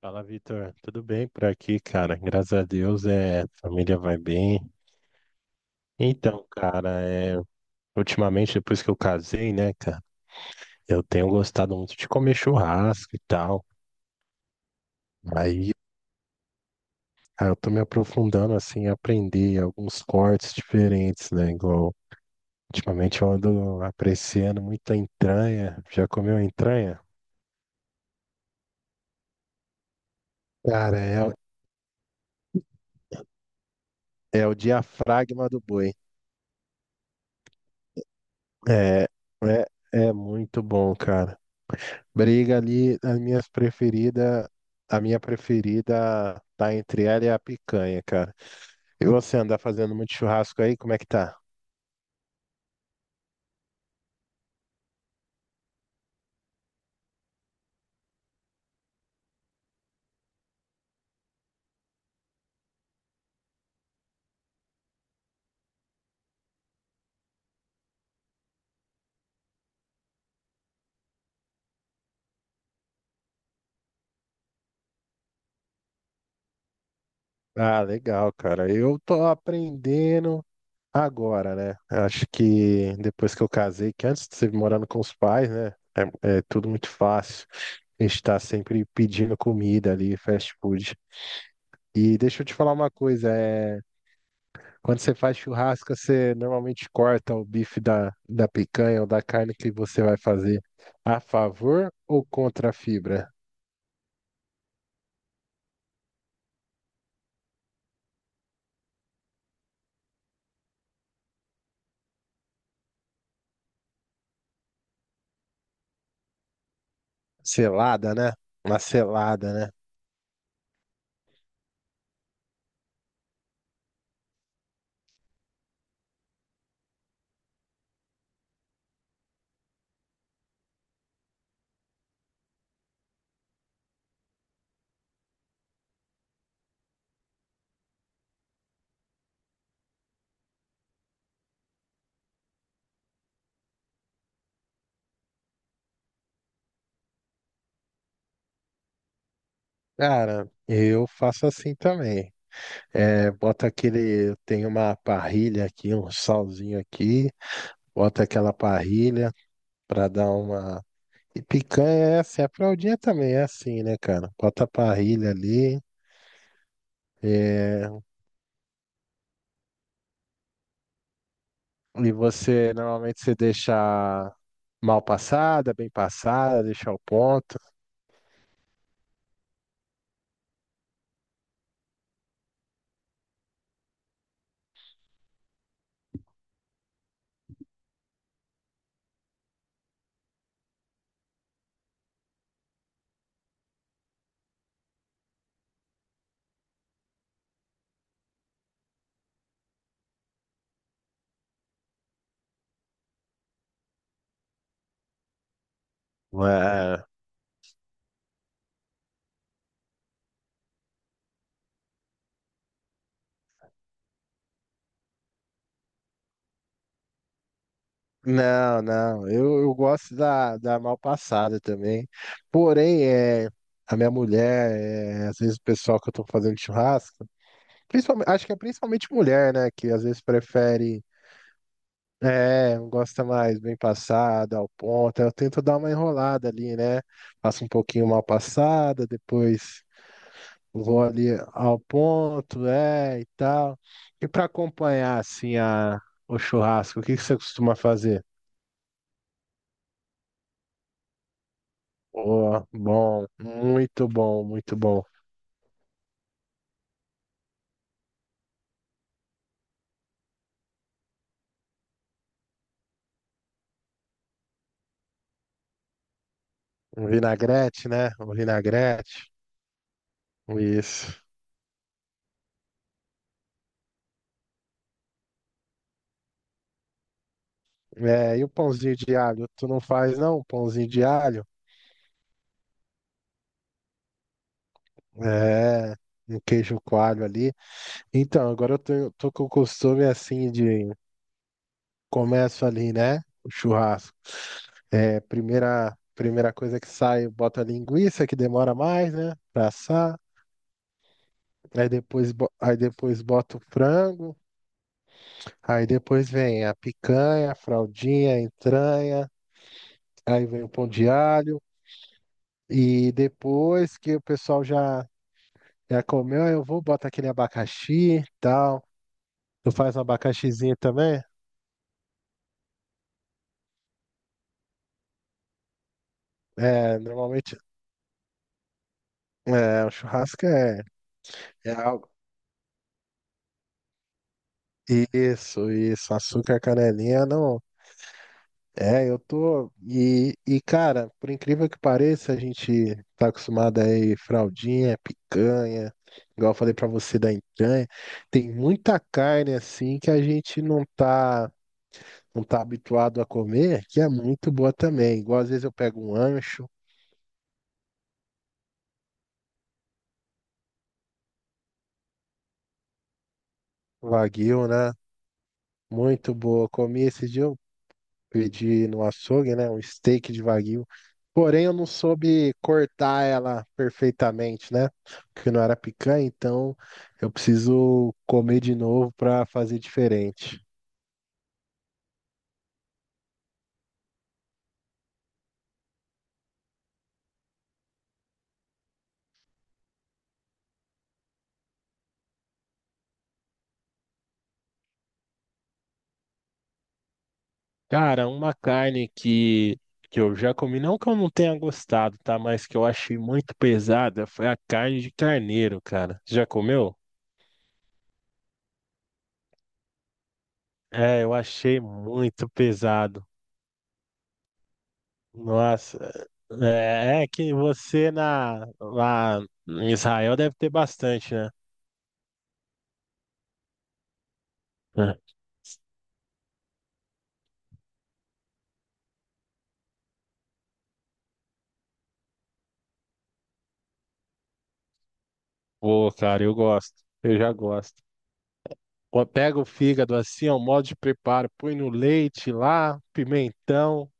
Fala, Vitor. Tudo bem por aqui, cara? Graças a Deus, a família vai bem. Então, cara, é, ultimamente, depois que eu casei, né, cara, eu tenho gostado muito de comer churrasco e tal. Aí, cara, eu tô me aprofundando, assim, em aprender alguns cortes diferentes, né? Igual, ultimamente eu ando apreciando muito a entranha. Já comeu entranha? Cara, é, é o diafragma do boi. É, é, é muito bom, cara. Briga ali, a minha preferida tá entre ela e a picanha, cara. E você anda fazendo muito churrasco aí, como é que tá? Ah, legal, cara. Eu tô aprendendo agora, né? Acho que depois que eu casei, que antes de você morando com os pais, né? É, é tudo muito fácil. A gente tá sempre pedindo comida ali, fast food. E deixa eu te falar uma coisa, é. Quando você faz churrasco, você normalmente corta o bife da picanha ou da carne que você vai fazer a favor ou contra a fibra? Selada, né? Uma selada, né? Cara, eu faço assim também. É, bota aquele. Eu tenho uma parrilha aqui, um salzinho aqui. Bota aquela parrilha pra dar uma. E picanha é assim, a fraldinha também é assim, né, cara? Bota a parrilha ali. É, e você normalmente você deixa mal passada, bem passada, deixar o ponto? É. Não, não, eu gosto da mal passada também. Porém, é, a minha mulher, é, às vezes o pessoal que eu tô fazendo churrasco, principalmente, acho que é principalmente mulher, né, que às vezes prefere, é, gosta mais bem passada, ao ponto. Eu tento dar uma enrolada ali, né? Faço um pouquinho mal passada, depois vou ali ao ponto, é, e tal. E para acompanhar assim a o churrasco, o que que você costuma fazer? Oh, bom, muito bom, muito bom. Um vinagrete, né? Um vinagrete. Isso. É, e o pãozinho de alho? Tu não faz, não? Um pãozinho de alho? É, um queijo coalho ali. Então, agora eu tô com o costume assim de começo ali, né? O churrasco. É, primeira coisa que sai, bota a linguiça, que demora mais, né? Pra assar. Aí depois, bota o frango. Aí depois vem a picanha, a fraldinha, a entranha. Aí vem o pão de alho. E depois que o pessoal já comeu, aí eu vou, boto aquele abacaxi e tal. Tu faz um abacaxizinho também? É, normalmente, é, o churrasco é algo. Isso, açúcar canelinha, não. É, eu tô. Cara, por incrível que pareça, a gente tá acostumado aí, fraldinha, picanha, igual eu falei pra você da entranha. Tem muita carne assim que a gente não tá, não tá habituado a comer, que é muito boa também. Igual às vezes eu pego um ancho, um wagyu, né? Muito boa. Comi esse dia, pedi no açougue, né? Um steak de wagyu. Porém, eu não soube cortar ela perfeitamente, né? Porque não era picanha, então eu preciso comer de novo para fazer diferente. Cara, uma carne que eu já comi, não que eu não tenha gostado, tá? Mas que eu achei muito pesada foi a carne de carneiro, cara. Já comeu? É, eu achei muito pesada. Nossa, é, é que você lá em Israel deve ter bastante, né? É. Pô, cara, eu gosto, eu já gosto. Pô, pega o fígado assim, ó, o modo de preparo, põe no leite lá, pimentão,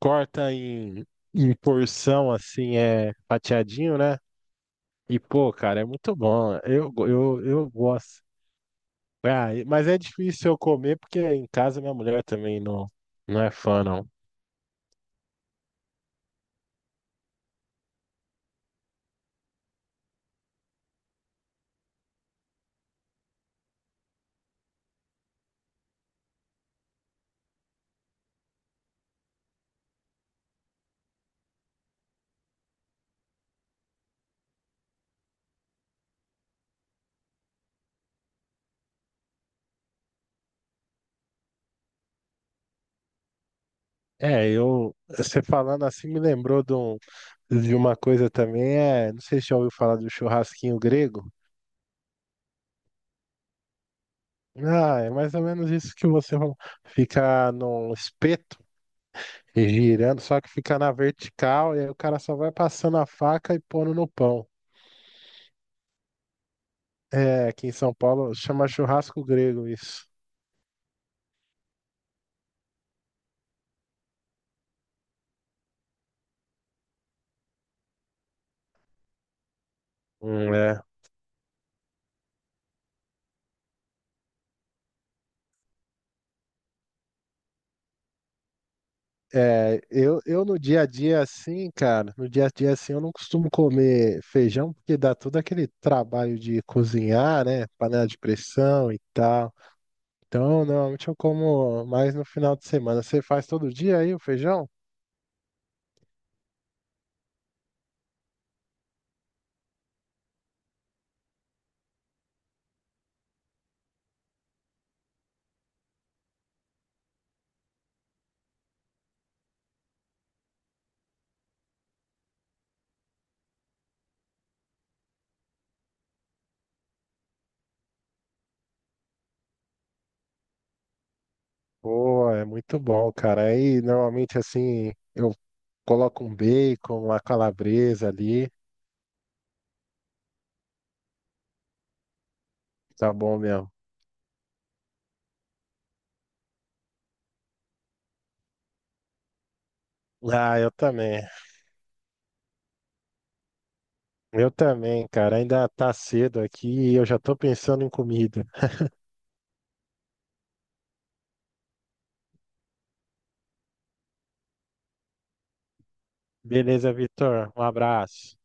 corta em porção assim, é fatiadinho, né? E pô, cara, é muito bom, eu gosto. Ah, mas é difícil eu comer porque em casa minha mulher também não, não é fã, não. É, você falando assim me lembrou de uma coisa também, é, não sei se já ouviu falar do churrasquinho grego. Ah, é mais ou menos isso que você falou. Fica num espeto e girando, só que fica na vertical e aí o cara só vai passando a faca e pondo no pão. É, aqui em São Paulo chama churrasco grego isso. É. É, eu no dia a dia assim, cara, no dia a dia assim eu não costumo comer feijão porque dá todo aquele trabalho de cozinhar, né? Panela de pressão e tal. Então, normalmente eu como mais no final de semana. Você faz todo dia aí o feijão? Pô, é muito bom, cara. Aí normalmente assim eu coloco um bacon, uma calabresa ali. Tá bom mesmo. Ah, eu também. Eu também, cara. Ainda tá cedo aqui e eu já tô pensando em comida. Beleza, Vitor. Um abraço.